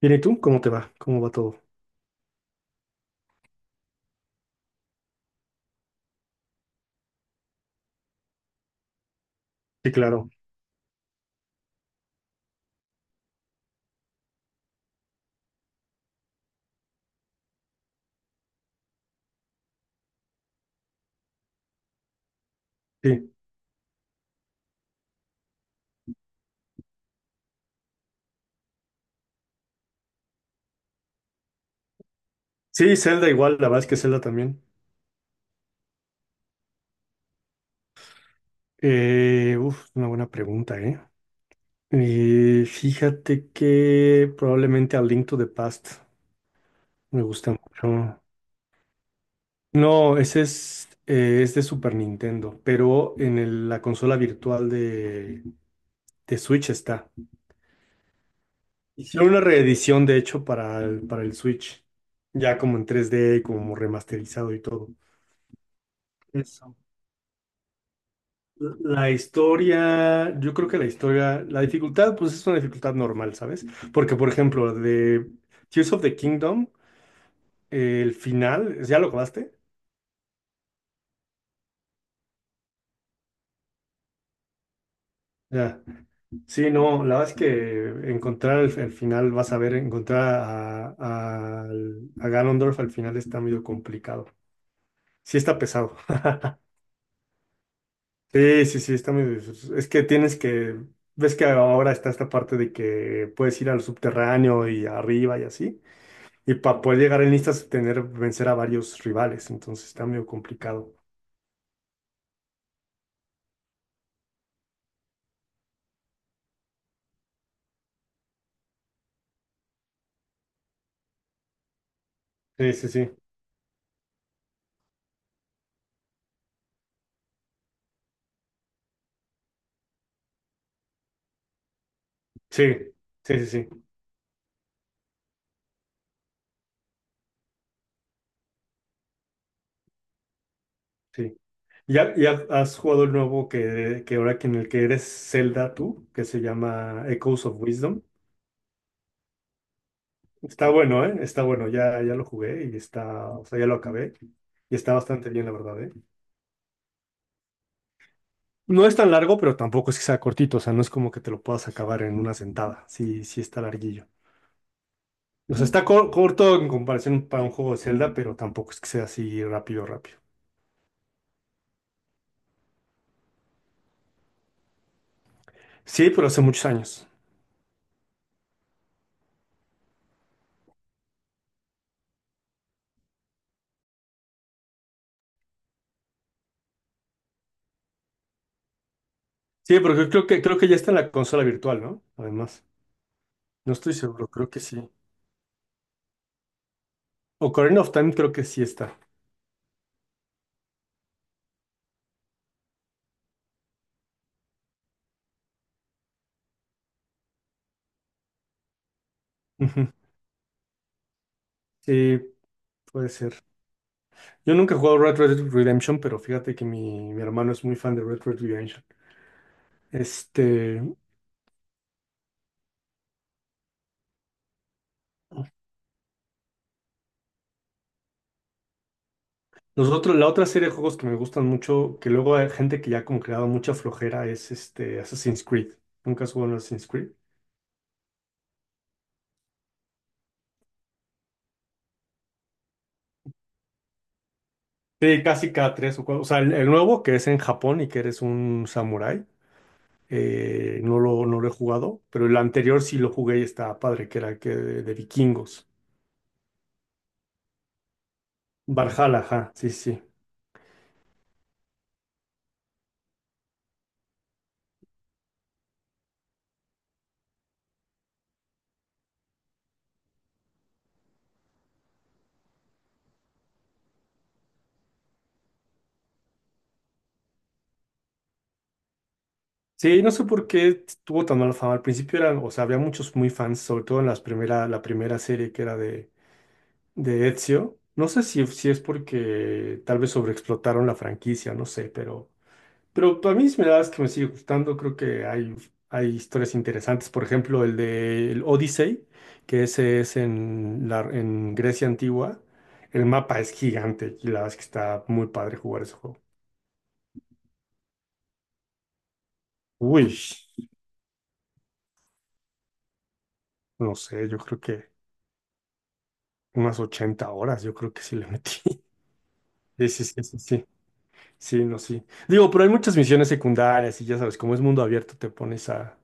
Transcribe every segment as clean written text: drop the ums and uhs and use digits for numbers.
Bien, ¿y tú? ¿Cómo te va? ¿Cómo va todo? Sí, claro. Sí. Sí, Zelda igual, la verdad es que Zelda también. Uf, una buena pregunta, ¿eh? Fíjate que probablemente a Link to the Past me gusta mucho. No, ese es de Super Nintendo, pero en la consola virtual de, Switch está. Hicieron una reedición, de hecho, para el Switch, ya como en 3D, como remasterizado y todo. Eso. La historia, yo creo que la historia, la dificultad, pues es una dificultad normal, ¿sabes? Porque, por ejemplo, de Tears of the Kingdom, el final, ¿ya lo acabaste? Ya. Sí, no, la verdad es que encontrar el final, vas a ver, encontrar a Ganondorf al final está medio complicado. Sí está pesado. Sí, sí, sí, está medio. Es que tienes que. Ves que ahora está esta parte de que puedes ir al subterráneo y arriba y así. Y para poder llegar en listas, tener, vencer a varios rivales, entonces está medio complicado. Sí, sí, sí. Sí, sí, sí, sí, sí. ¿Ya has jugado el nuevo que ahora que en el que eres Zelda tú, que se llama Echoes of Wisdom? Está bueno, ¿eh? Está bueno, ya lo jugué y está, o sea, ya lo acabé. Y está bastante bien, la verdad, ¿eh? No es tan largo, pero tampoco es que sea cortito, o sea, no es como que te lo puedas acabar en una sentada. Sí, sí está larguillo. O sea, está corto en comparación para un juego de Zelda, pero tampoco es que sea así rápido, rápido. Sí, pero hace muchos años. Sí, porque creo que ya está en la consola virtual, ¿no? Además, no estoy seguro, creo que sí. Ocarina of Time creo que sí está. Ujú. Sí, puede ser. Yo nunca he jugado Red Red Redemption, pero fíjate que mi hermano es muy fan de Red Red Redemption. Este, nosotros, la otra serie de juegos que me gustan mucho, que luego hay gente que ya como que le ha dado mucha flojera, es este Assassin's Creed. ¿Nunca has jugado a Assassin's Creed? Sí, casi cada tres o cuatro. O sea, el nuevo que es en Japón y que eres un samurái, no lo he jugado, pero el anterior sí lo jugué y estaba padre, que era el que de, vikingos. Valhalla, ajá, sí, sí. Sí, no sé por qué tuvo tan mala fama. Al principio eran, o sea, había muchos muy fans, sobre todo en las primera, la primera serie que era de, Ezio. No sé si es porque tal vez sobreexplotaron la franquicia, no sé, pero a mí sí me das que me sigue gustando, creo que hay historias interesantes, por ejemplo, el de el Odyssey, que ese es en, la, en Grecia antigua, el mapa es gigante y la verdad es que está muy padre jugar ese juego. Uy, no sé, yo creo que unas 80 horas, yo creo que sí le metí. Sí, sí, sí, sí, sí, sí, no, sí. Digo, pero hay muchas misiones secundarias y ya sabes, como es mundo abierto, te pones a,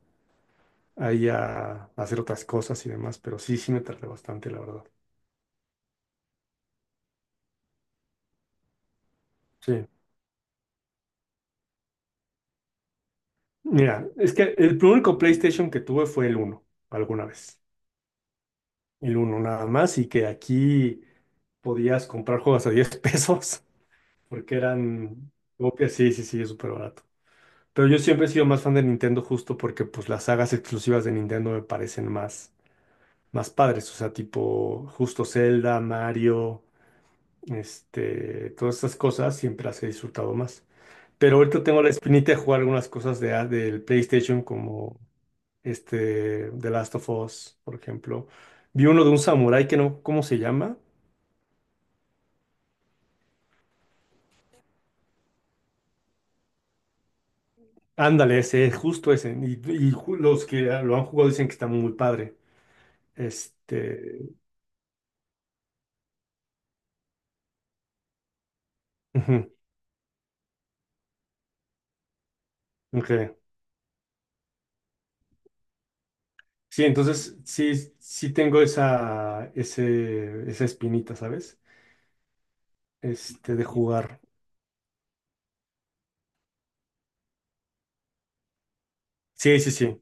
ahí a, hacer otras cosas y demás, pero sí, sí me tardé bastante, la verdad. Sí. Mira, es que el único PlayStation que tuve fue el uno, alguna vez. El uno nada más, y que aquí podías comprar juegos a 10 pesos, porque eran copias, sí, sí, sí, es súper barato. Pero yo siempre he sido más fan de Nintendo justo porque pues las sagas exclusivas de Nintendo me parecen más padres, o sea, tipo justo Zelda, Mario, este, todas estas cosas siempre las he disfrutado más. Pero ahorita tengo la espinita de jugar algunas cosas del PlayStation como este, The Last of Us, por ejemplo. Vi uno de un samurái que no, ¿cómo se llama? Ándale, ese, es justo ese. Y los que lo han jugado dicen que está muy padre. Este, ujú, ok. Sí, entonces sí, sí tengo esa espinita, ¿sabes? Este, de jugar. Sí, sí, sí.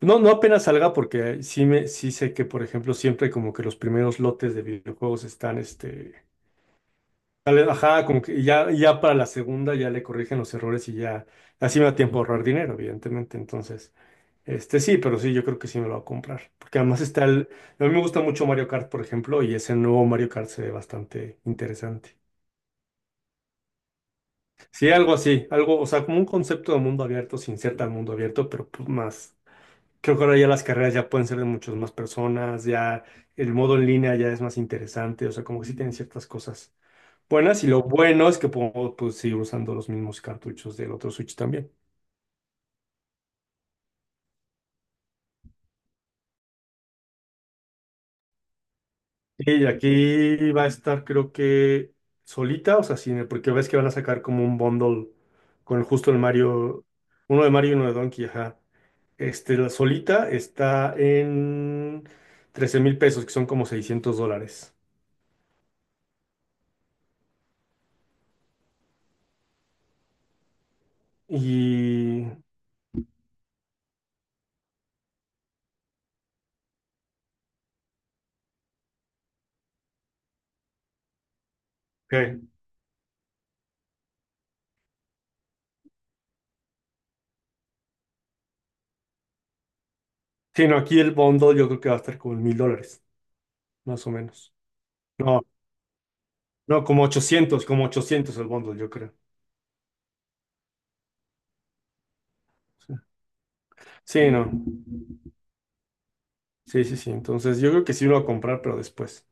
No, no apenas salga porque sí, sí sé que, por ejemplo, siempre como que los primeros lotes de videojuegos están, este, tal vez, ajá, como que ya para la segunda ya le corrigen los errores y ya así me da tiempo a ahorrar dinero, evidentemente. Entonces, este sí, pero sí, yo creo que sí me lo voy a comprar. Porque además está el. A mí me gusta mucho Mario Kart, por ejemplo, y ese nuevo Mario Kart se ve bastante interesante. Sí, algo así, algo, o sea, como un concepto de mundo abierto sin ser tan mundo abierto, pero pues, más. Creo que ahora ya las carreras ya pueden ser de muchas más personas, ya el modo en línea ya es más interesante, o sea, como que sí tienen ciertas cosas buenas y lo bueno es que puedo pues, seguir usando los mismos cartuchos del otro Switch también. Y aquí va a estar creo que solita, o sea, sí, porque ves que van a sacar como un bundle con justo el Mario, uno de Mario y uno de Donkey, ajá. Este, la solita está en 13,000 pesos, que son como 600 dólares. Y. ¿Qué? Sí, no, aquí el bundle yo creo que va a estar como en 1,000 dólares, más o menos. No, no, como ochocientos el bundle, yo creo. Sí. Sí, no. Sí, sí, sí. Entonces, yo creo que sí lo voy a comprar, pero después.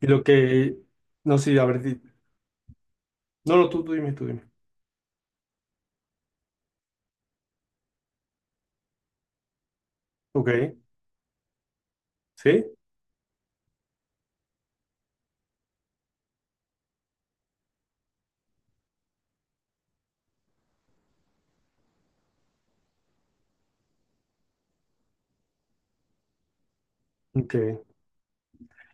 Y lo que, no sí, a ver, no, no, tú dime, tú dime. Ok, sí, ok.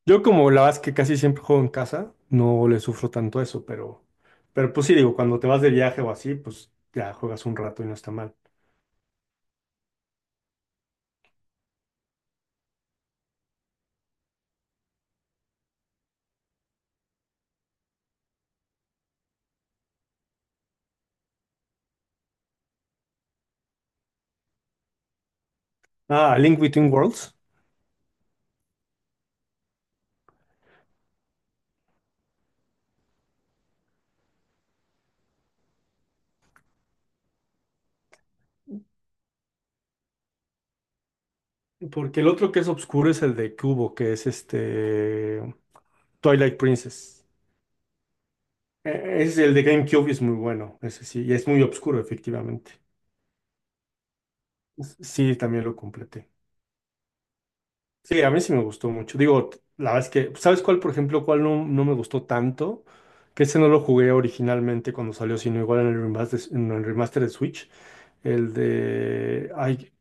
Yo como la verdad es que casi siempre juego en casa, no le sufro tanto eso, pero, pues sí, digo, cuando te vas de viaje o así, pues ya juegas un rato y no está mal. Ah, Link Between Worlds, porque el otro que es oscuro es el de Cubo, que es este Twilight Princess. Es el de GameCube y es muy bueno, ese sí, y es muy oscuro, efectivamente. Sí, también lo completé. Sí, a mí sí me gustó mucho. Digo, la verdad es que, ¿sabes cuál, por ejemplo, cuál no, me gustó tanto? Que ese no lo jugué originalmente cuando salió, sino igual en el remaster de Switch. El de. Ay,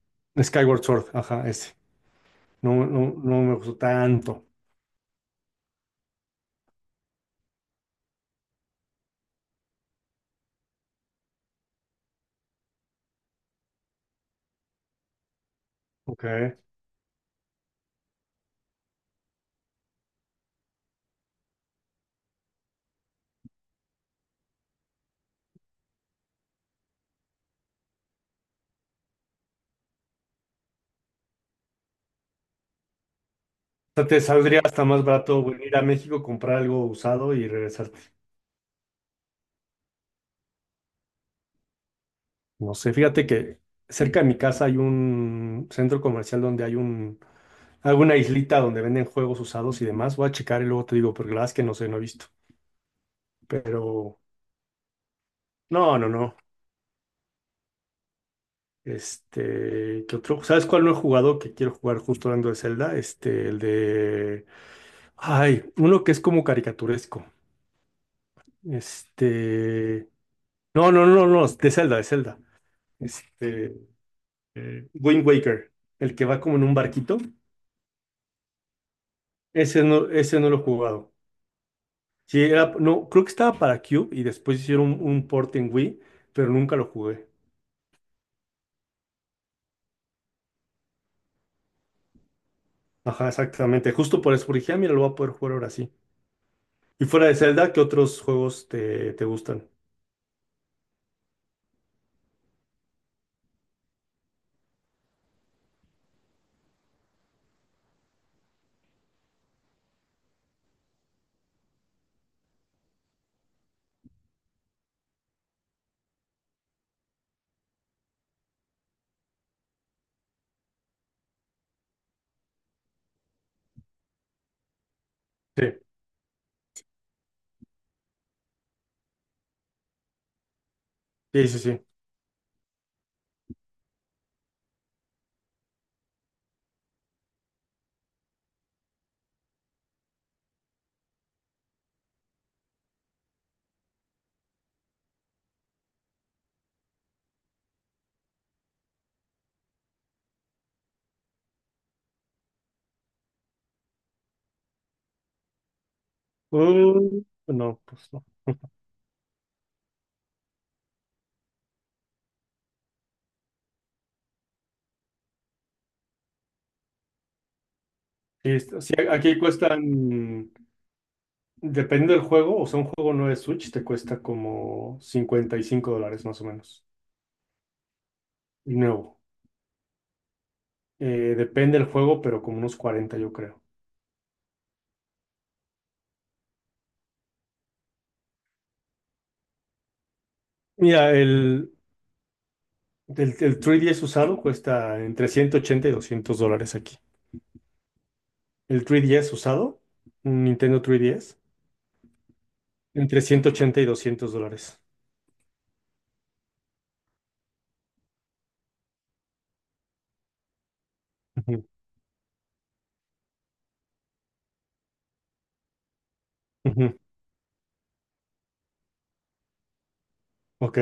Skyward Sword, ajá, ese. No, no, no me gustó tanto. Ok. O sea, te saldría hasta más barato venir a México, comprar algo usado y regresar. No sé, fíjate que cerca de mi casa hay un centro comercial donde hay un, alguna islita donde venden juegos usados y demás. Voy a checar y luego te digo, porque la verdad es que no sé, no he visto. Pero, no, no, no. Este, ¿qué otro? ¿Sabes cuál no he jugado que quiero jugar justo hablando de Zelda? Este, el de. Ay, uno que es como caricaturesco. Este. No, no, no, no, de Zelda, de Zelda. Este, Wind Waker, el que va como en un barquito. Ese no lo he jugado. Sí, era, no, creo que estaba para Cube y después hicieron un port en Wii, pero nunca lo jugué. Ajá, exactamente. Justo por eso porque dije, "Ah, mira, lo voy a poder jugar ahora sí". Y fuera de Zelda, ¿qué otros juegos te gustan? Sí, sí, sí, sí. No, pues no. Sí, aquí cuestan, dependiendo del juego, o sea, un juego no de Switch te cuesta como 55 dólares más o menos. Y nuevo. Depende del juego, pero como unos 40 yo creo. Mira, el 3DS usado cuesta entre 180 y 200 dólares aquí. El 3DS usado, un Nintendo 3DS, entre 180 y 200 dólares. Ujú, ujú, ok,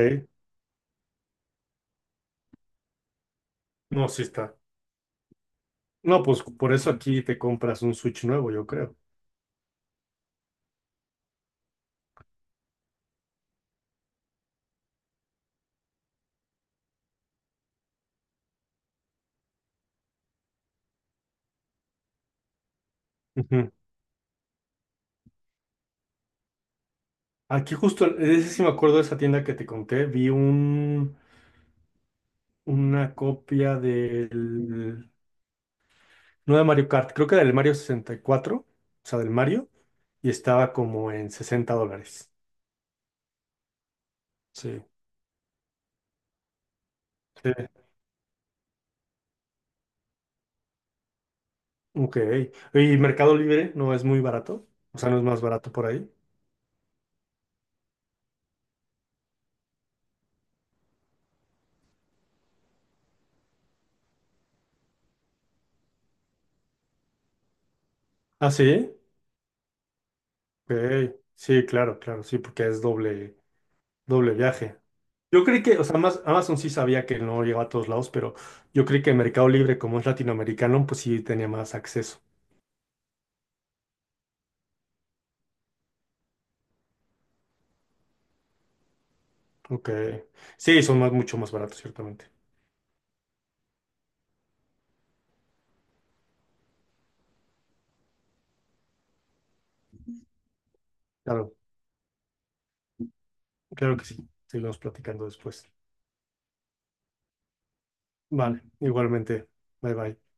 no, sí está. No, pues por eso aquí te compras un Switch nuevo, yo creo. Ujú. Aquí justo, ese sí me acuerdo de esa tienda que te conté, vi un, una copia del, no de Mario Kart, creo que del Mario 64, o sea, del Mario, y estaba como en 60 dólares. Sí. Sí. Ok. ¿Y Mercado Libre no es muy barato? O sea, no es más barato por ahí. ¿Ah, sí? Ok. Sí, claro, claro, sí, porque es doble viaje. Yo creí que, o sea, Amazon sí sabía que no llegaba a todos lados, pero yo creí que Mercado Libre, como es latinoamericano, pues sí tenía más acceso. Ok. Sí, son mucho más baratos, ciertamente. Claro, claro que sí. Seguimos platicando después. Vale, igualmente. Bye bye.